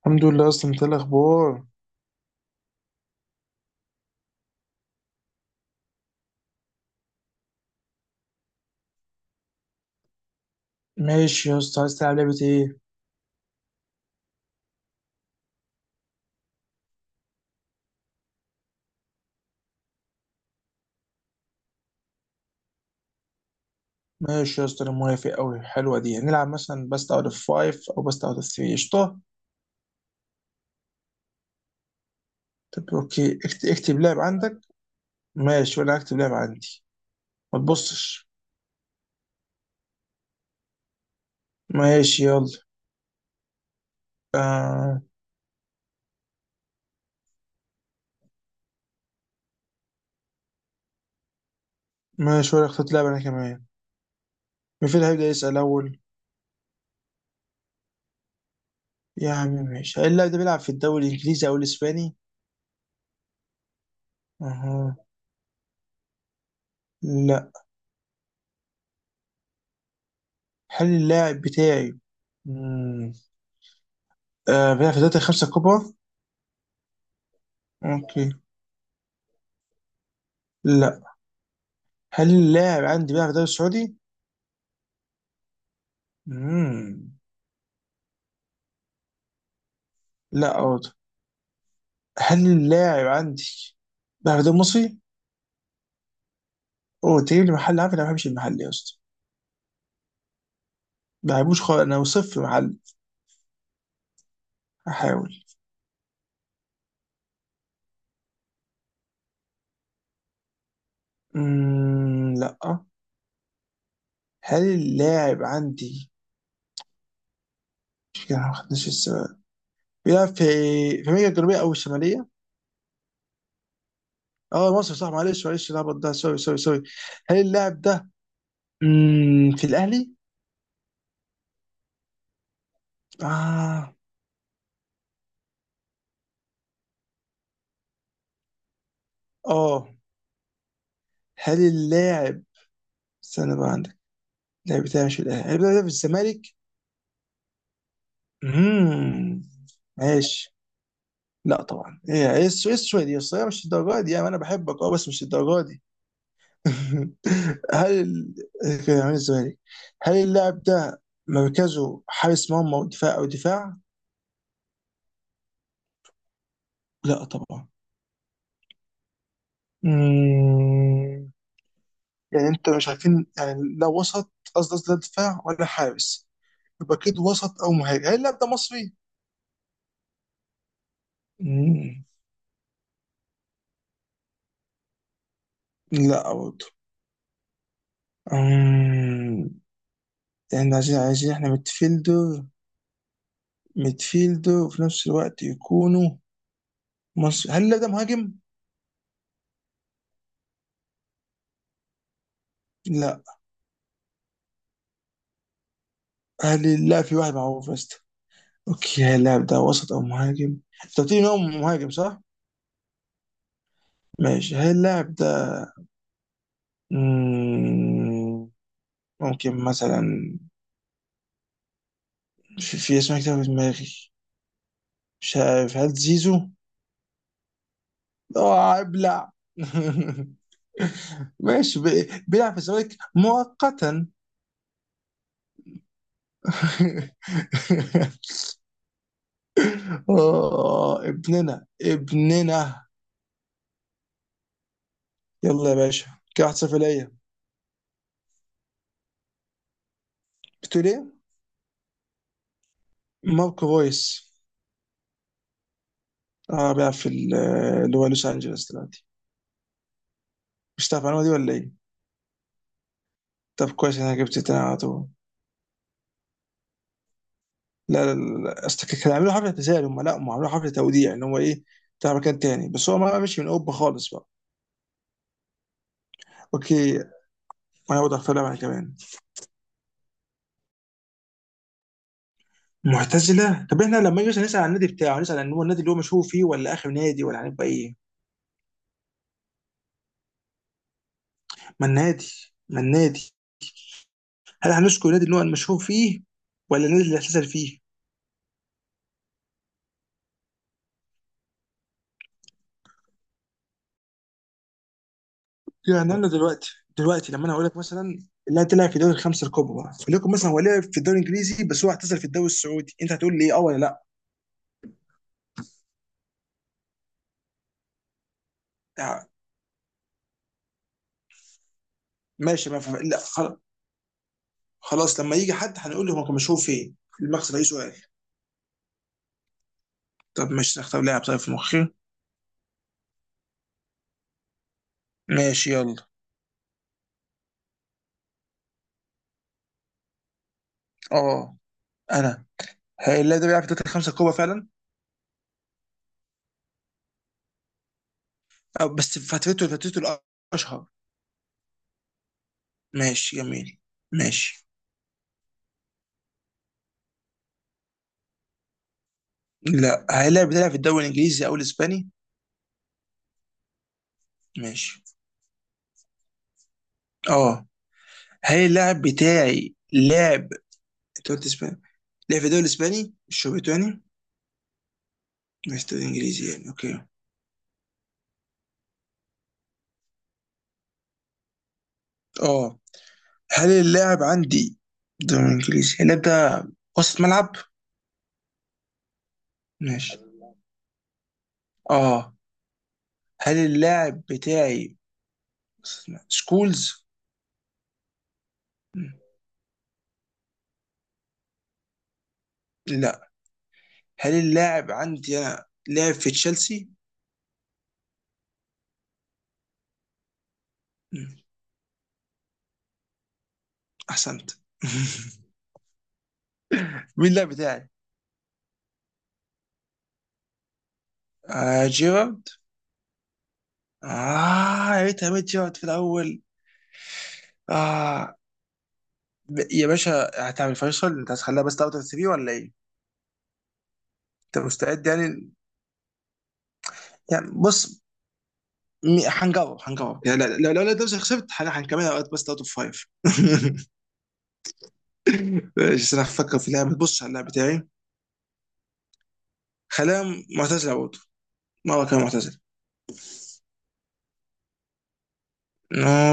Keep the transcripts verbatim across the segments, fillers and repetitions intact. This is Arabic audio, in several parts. الحمد لله، اصلا انت إيه الاخبار؟ ماشي يا اسطى، عايز تلعب لعبه ايه؟ ماشي يا اسطى، انا موافق قوي. حلوه دي. نلعب مثلا بست اوت اوف خمسة او بست اوت اوف ثلاثة؟ قشطه. طب اوكي، اكت- اكتب لعب عندك. ماشي، وانا اكتب لعب عندي. ما تبصش. ماشي يلا. آه. ماشي، وانا اخترت لعب انا كمان. مين هيبدا يسال اول؟ يا عم ماشي. هل اللاعب ده بيلعب في الدوري الانجليزي او الاسباني؟ اها. لا. هل اللاعب بتاعي مم. آه بيلعب في الدوري الخمسه الكبرى؟ اوكي. لا. هل اللاعب عندي بيلعب في الدوري السعودي؟ امم لا برضه. هل اللاعب عندي بيلعب في الدوري المصري؟ اوه، تجيب لي محل؟ عارف انا ما بحبش المحل يا اسطى. ما بحبوش خالص، انا صفر محل. احاول. امم لا. هل اللاعب عندي مش كده ما خدناش السؤال بيلعب في في امريكا الجنوبيه او الشماليه؟ اه مصر صح، معلش معلش، الهبط ده، سوري سوري سوري. هل اللاعب ده امم في الاهلي؟ اه. اه. هل اللاعب، استنى بقى عندك، لا بتاعش الاهلي، هل بيلعب في الزمالك؟ امم. ماشي. لا طبعا. ايه ايه السو- إيه السويد دي؟ اصل هي مش الدرجه دي يعني. انا بحبك اه، بس مش الدرجه دي. هل ال- كان عامل الزمالك. هل اللاعب ده مركزه حارس مرمى ودفاع او دفاع؟ لا طبعا. مم. يعني انت مش عارفين يعني، لا وسط، قصدي قصدي لا دفاع ولا حارس. يبقى كده وسط او مهاجم. هل اللاعب ده مصري؟ مم. لا برضه. احنا عايزين عايزين احنا ميدفيلدر، ميدفيلدر وفي نفس الوقت يكونوا مصر. هل اللاعب ده مهاجم؟ لا. هل لا، في واحد معروف بس. اوكي، هل اللاعب ده وسط او مهاجم؟ انت قلت لي إن هو مهاجم صح؟ ماشي. هل اللاعب ده، مم، ممكن مثلا في, في اسمه كتير في دماغي، مش عارف. هل زيزو؟ اه ابلع. ماشي. بي- بيلعب في الزمالك مؤقتا. اه، ابننا ابننا. يلا يا باشا. كده واحد صفر ليا. بتقول ايه؟ ماركو رويس. اه، بيلعب في ال- اللي هو لوس انجلوس دلوقتي. مش تعرف المعلومه دي ولا ايه؟ طب، كويس إن انا جبت تاني على طول. لا لا لا لا. اصل كانوا عاملين حفله اعتزال، هم لا، هم عاملين حفله توديع، ان هو ايه، بتاع مكان تاني، بس هو ما مشي من اوروبا خالص بقى. اوكي، انا برضه هختار لعبه كمان. معتزله. طب احنا لما نيجي نسال عن النادي بتاعه، هنسال عن هو النادي اللي هو مشهور فيه، ولا اخر نادي، ولا هنبقى ايه؟ ما النادي ما النادي هل هنذكر النادي اللي هو المشهور فيه ولا النادي اللي اعتزل فيه؟ يعني انا دلوقتي، دلوقتي لما انا اقول لك مثلا لا تلعب في الدوري الخمسه الكبرى، فليكن مثلا هو لعب في الدوري الانجليزي بس هو اعتزل في الدوري السعودي، انت هتقول لي اه ولا لا؟ آه، ماشي. ما ف... لا خل- خلاص، لما يجي حد هنقول له هو كان مشهور فين؟ المقصد اي سؤال. طب ماشي، نختار لاعب. طيب في مخي. ماشي يلا. اه، انا اللاعب ده بيلعب في الدوري الخمسه الكبرى فعلا. آه، بس فترته فترته الاشهر. ماشي جميل. ماشي. لا. هل اللاعب ده بيلعب في الدوري الانجليزي او الاسباني؟ ماشي. اه، هل اللاعب بتاعي لعب، انت قلت اسباني، لعب في الدوري الاسباني، مش هو بريطاني، مش دوري انجليزي يعني. اوكي. اه. هل اللاعب عندي دوري انجليزي، هل اللاعب ده وسط ملعب؟ ماشي. اه، هل اللاعب بتاعي وسط ملعب؟ سكولز. مم. لا. هل اللاعب عندي انا لعب في تشيلسي؟ مم. احسنت. مين اللاعب بتاعي؟ آه جيرارد. اه، يا ريت عملت جيرارد في الاول. اه، يا باشا، هتعمل فيصل؟ انت هتخليها بس تاخد السي في ولا ايه؟ انت مستعد يعني؟ يعني بص، م- هنجرب هنجرب يعني لا- لو لو لو نفسي خسرت، هن- هنكملها وقت بس اوت اوف فايف. ماشي، بس انا هفكر في لعبه. بص على اللعب بتاعي. خليها معتزله برضه. مره كان معتزل.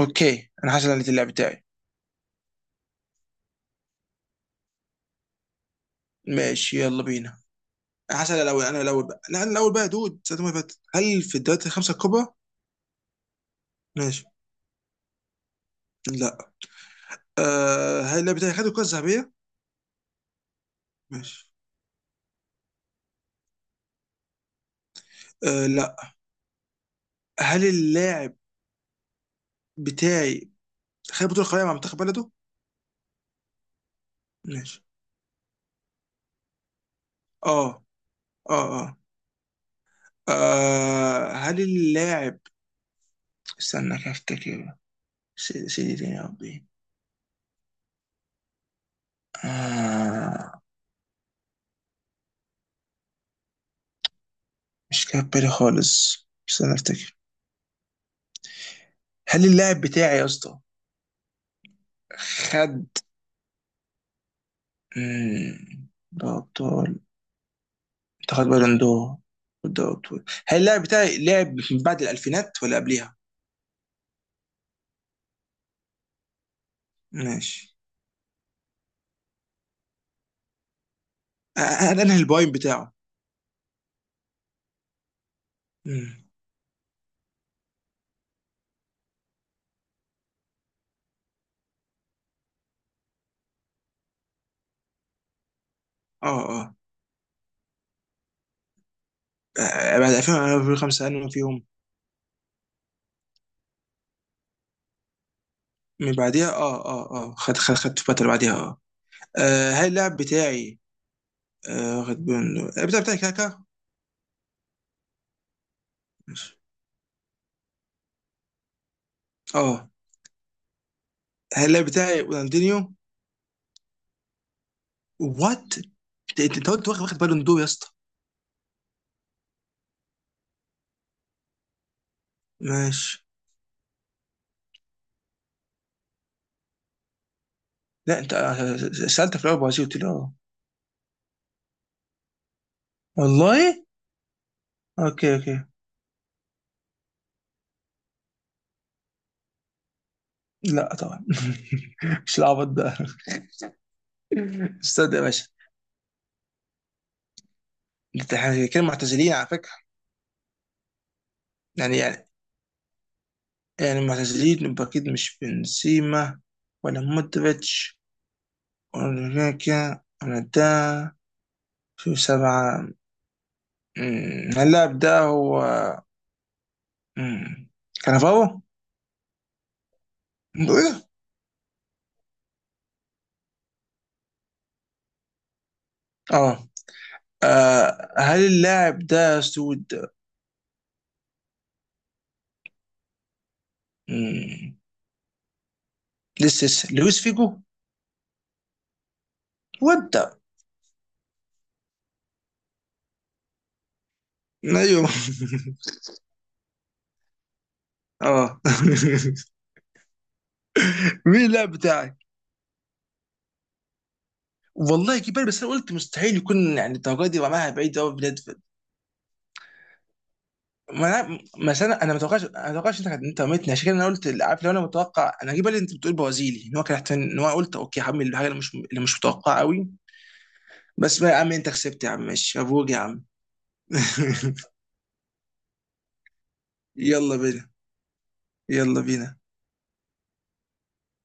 اوكي، انا حاسس ان اللعب بتاعي. ماشي يلا بينا. انا حاسس إن الاول، انا الاول بقى، لا انا الاول بقى يا دود ساعة ما فاتت. هل في الدوريات الخمسه الكبرى؟ ماشي. لا. أه، هل اللاعب بتاعي خد الكره الذهبيه؟ ماشي. أه لا. هل اللاعب بتاعي خد بطولة قارية مع منتخب بلده؟ ماشي. اه اه اه. آه، هل اللاعب، استنى كده افتكر. سيدي سيدي تاني يا ربي. آه، مش جاي في بالي خالص، استنى افتكر. هل اللاعب بتاعي يا اسطى خد، مم، ده ابطال؟ انت خد بالون دور؟ ده ابطال. هل اللاعب بتاعي لعب من بعد الالفينات ولا قبلها؟ ماشي. آه، انا أنا البوينت بتاعه. مم. اه اه. آه، بعد ألفين و خمسة انا فيهم. من بعديها. اه اه اه، خد خد خدت فترة بعديها. اه. آه، هل اللاعب بتاعي آه واخد بالون دور؟ اللاعب بتاعي بتاعي كاكا؟ ماشي. اه، هل اللاعب بتاعي رونالدينيو؟ وات؟ انت انت أنت قلت واخد واخد بالون دور يا اسطى. ماشي. لا، انت آه سألت في الاول برازيل، قلت لي اه. والله. اوكي اوكي. لا طبعا. مش العبط ده. استنى يا باشا. انت احنا كده معتزلين على فكرة. يعني يعني يعني معتزلين، يبقى اكيد مش بنسيما ولا مودريتش. ولكن أنا ده في سبعة. أمم، اللاعب ده هو، أمم، كانافارو؟ إيه؟ اه آه، هل اللاعب ده سود؟ أمم، لسه لسه لويس فيجو؟ وده. ايوه. اه. مين اللاعب بتاعك؟ والله كبير. بس انا قلت مستحيل يكون يعني الدرجه دي، رماها بعيد قوي بلاد. ما انا، بس انا انا ما توقعش، انا ما توقعش، انت انت رميتني. عشان كده انا قلت عارف، لو انا متوقع انا هجيب بالي انت بتقول برازيلي، ان هو كان احتمال- ان هو قلت اوكي، هعمل الحاجه اللي مش اللي مش متوقعه قوي. بس بقى يا عم، انت كسبت يا عم، ماشي، مبروك يا عم. يلا بينا. يلا بينا.